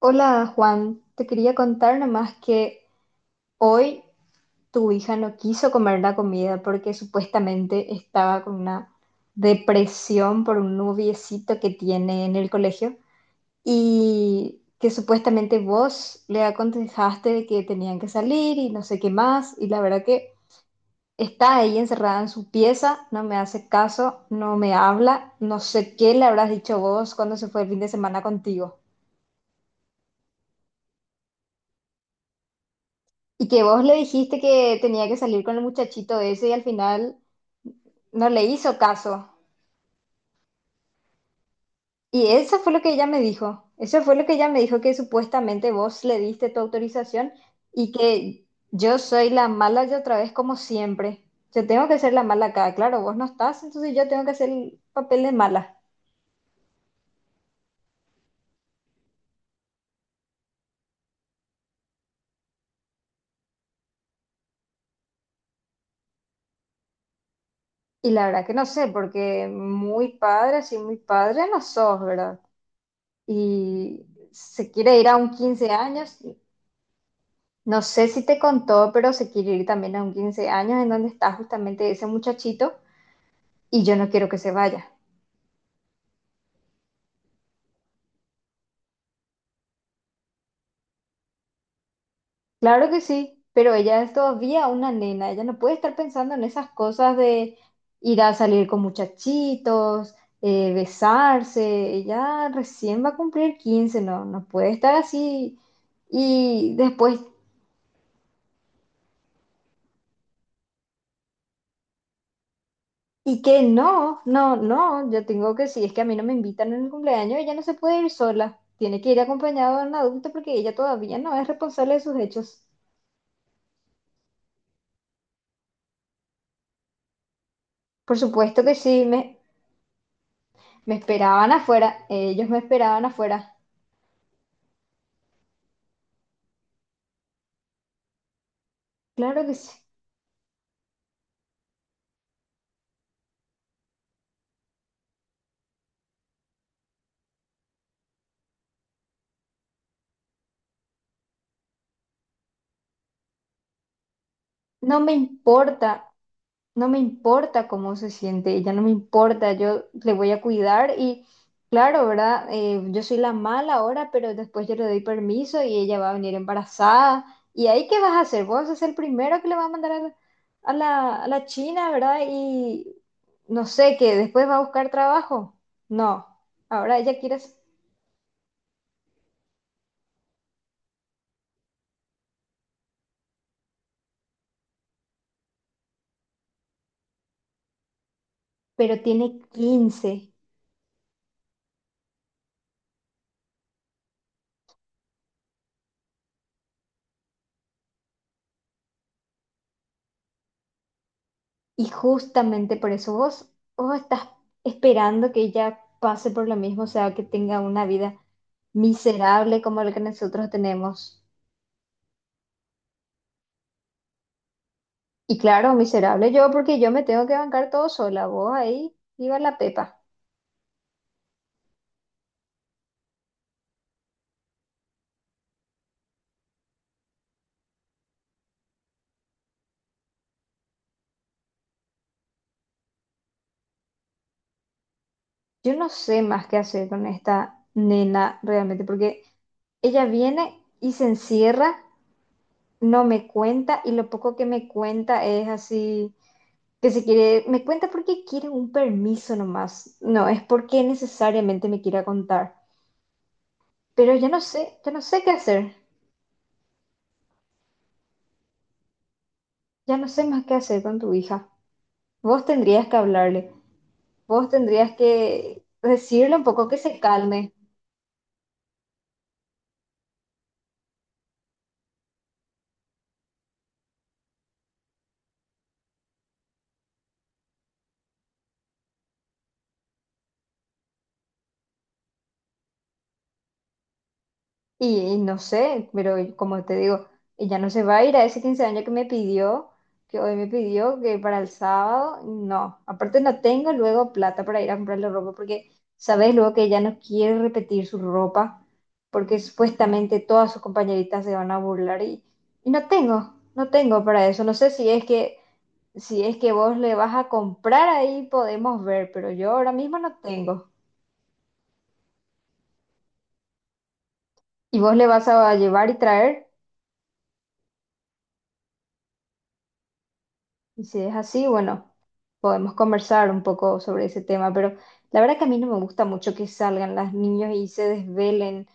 Hola, Juan, te quería contar nomás que hoy tu hija no quiso comer la comida porque supuestamente estaba con una depresión por un noviecito que tiene en el colegio y que supuestamente vos le aconsejaste que tenían que salir y no sé qué más, y la verdad que está ahí encerrada en su pieza, no me hace caso, no me habla, no sé qué le habrás dicho vos cuando se fue el fin de semana contigo. Y que vos le dijiste que tenía que salir con el muchachito ese y al final no le hizo caso. Y eso fue lo que ella me dijo. Eso fue lo que ella me dijo, que supuestamente vos le diste tu autorización y que yo soy la mala y otra vez como siempre. Yo tengo que ser la mala acá. Claro, vos no estás, entonces yo tengo que hacer el papel de mala. Y la verdad que no sé, porque muy padre, así muy padre no sos, ¿verdad? Y se quiere ir a un 15 años. No sé si te contó, pero se quiere ir también a un 15 años en donde está justamente ese muchachito, y yo no quiero que se vaya. Claro que sí, pero ella es todavía una nena, ella no puede estar pensando en esas cosas de ir a salir con muchachitos, besarse, ella recién va a cumplir 15, no, no puede estar así. Y después y que no, no, no, yo tengo que, si es que a mí no me invitan en el cumpleaños, ella no se puede ir sola, tiene que ir acompañada de un adulto porque ella todavía no es responsable de sus hechos. Por supuesto que sí, me esperaban afuera, ellos me esperaban afuera, claro que sí, no me importa, no me importa cómo se siente ella, no me importa, yo le voy a cuidar y claro, ¿verdad? Yo soy la mala ahora, pero después yo le doy permiso y ella va a venir embarazada. ¿Y ahí qué vas a hacer? Vos sos el primero que le va a mandar a a la China, ¿verdad? Y no sé, que después va a buscar trabajo. No, ahora ella quiere, s- pero tiene quince, y justamente por eso vos, vos estás esperando que ella pase por lo mismo, o sea, que tenga una vida miserable como el que nosotros tenemos. Y claro, miserable yo porque yo me tengo que bancar todo sola, vos ahí, iba la pepa. Yo no sé más qué hacer con esta nena realmente, porque ella viene y se encierra, no me cuenta, y lo poco que me cuenta es así, que se quiere, me cuenta porque quiere un permiso nomás, no es porque necesariamente me quiera contar. Pero ya no sé qué hacer, ya no sé más qué hacer con tu hija. Vos tendrías que hablarle. Vos tendrías que decirle un poco que se calme. Y no sé, pero como te digo, ella no se va a ir a ese 15 años que me pidió, que hoy me pidió, que para el sábado, no. Aparte no tengo luego plata para ir a comprarle ropa, porque sabes luego que ella no quiere repetir su ropa, porque supuestamente todas sus compañeritas se van a burlar, y no tengo, no tengo para eso. No sé si es que, si es que vos le vas a comprar ahí, podemos ver, pero yo ahora mismo no tengo. Y vos le vas a llevar y traer, y si es así, bueno, podemos conversar un poco sobre ese tema, pero la verdad que a mí no me gusta mucho que salgan las niños y se desvelen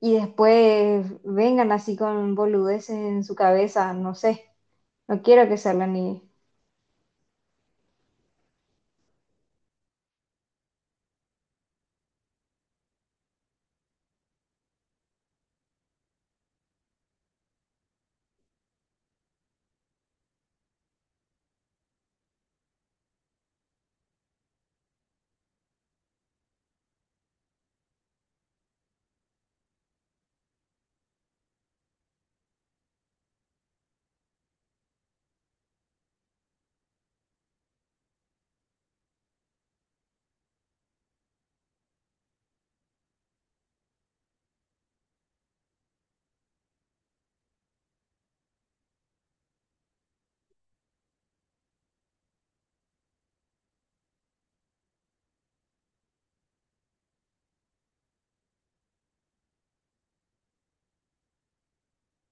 y después vengan así con boludeces en su cabeza, no sé, no quiero que salgan. Y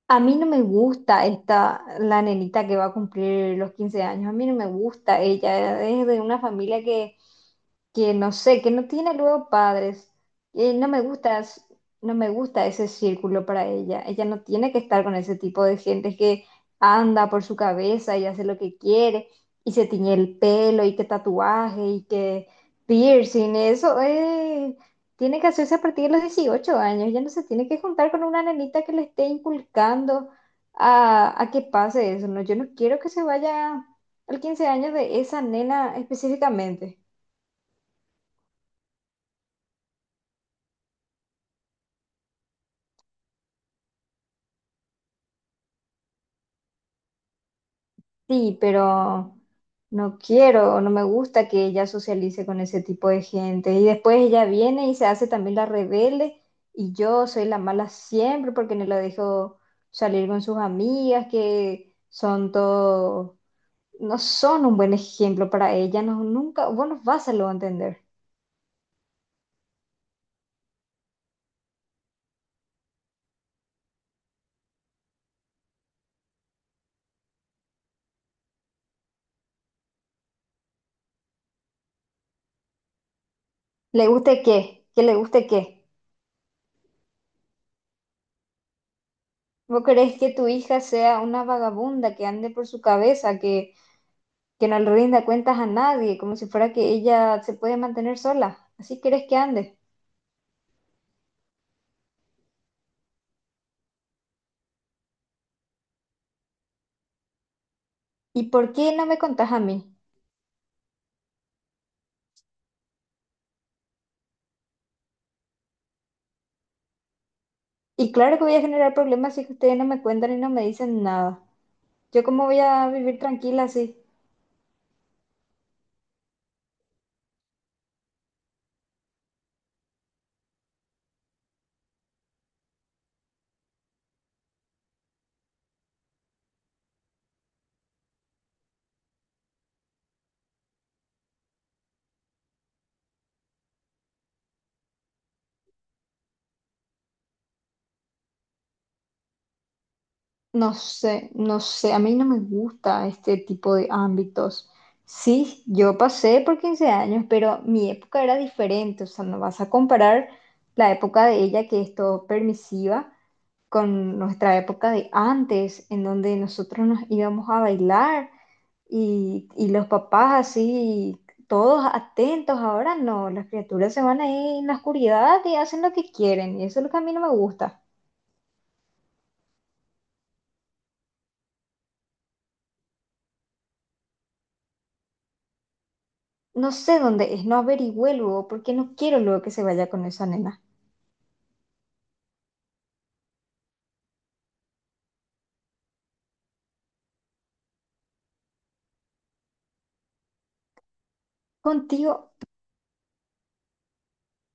A mí no me gusta esta, la nenita que va a cumplir los 15 años. A mí no me gusta ella. Es de una familia que no sé, que no tiene luego padres. No me gusta, es- no me gusta ese círculo para ella. Ella no tiene que estar con ese tipo de gente que anda por su cabeza y hace lo que quiere, y se tiñe el pelo, y que tatuaje, y que piercing. Eso es tiene que hacerse a partir de los 18 años, ya no se tiene que juntar con una nenita que le esté inculcando a que pase eso, ¿no? Yo no quiero que se vaya al 15 años de esa nena específicamente. Sí, pero no quiero, no me gusta que ella socialice con ese tipo de gente. Y después ella viene y se hace también la rebelde, y yo soy la mala siempre porque no la dejo salir con sus amigas que son todos no son un buen ejemplo para ella, no, nunca, vos no vas a lo entender. ¿Le guste qué? ¿Que le guste qué? ¿Vos querés que tu hija sea una vagabunda que ande por su cabeza, que no le rinda cuentas a nadie, como si fuera que ella se puede mantener sola? ¿Así querés que ande? ¿Y por qué no me contás a mí? Y claro que voy a generar problemas si es que ustedes no me cuentan y no me dicen nada. ¿Yo cómo voy a vivir tranquila así? No sé, no sé, a mí no me gusta este tipo de ámbitos. Sí, yo pasé por 15 años, pero mi época era diferente, o sea, no vas a comparar la época de ella, que es todo permisiva, con nuestra época de antes, en donde nosotros nos íbamos a bailar, y los papás así, todos atentos. Ahora no, las criaturas se van ahí en la oscuridad y hacen lo que quieren, y eso es lo que a mí no me gusta. No sé dónde es, no averigüé luego porque no quiero luego que se vaya con esa nena. Contigo,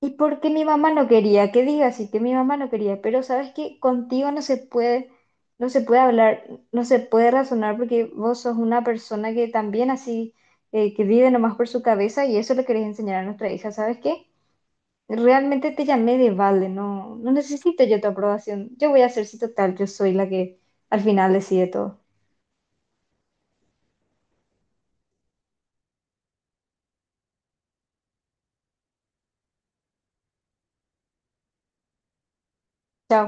y porque mi mamá no quería, que diga así, que mi mamá no quería, pero sabes que contigo no se puede, no se puede hablar, no se puede razonar porque vos sos una persona que también así, que vive nomás por su cabeza y eso le querés enseñar a nuestra hija, ¿sabes qué? Realmente te llamé de vale, no, no necesito yo tu aprobación, yo voy a hacer si total, yo soy la que al final decide todo. Chao.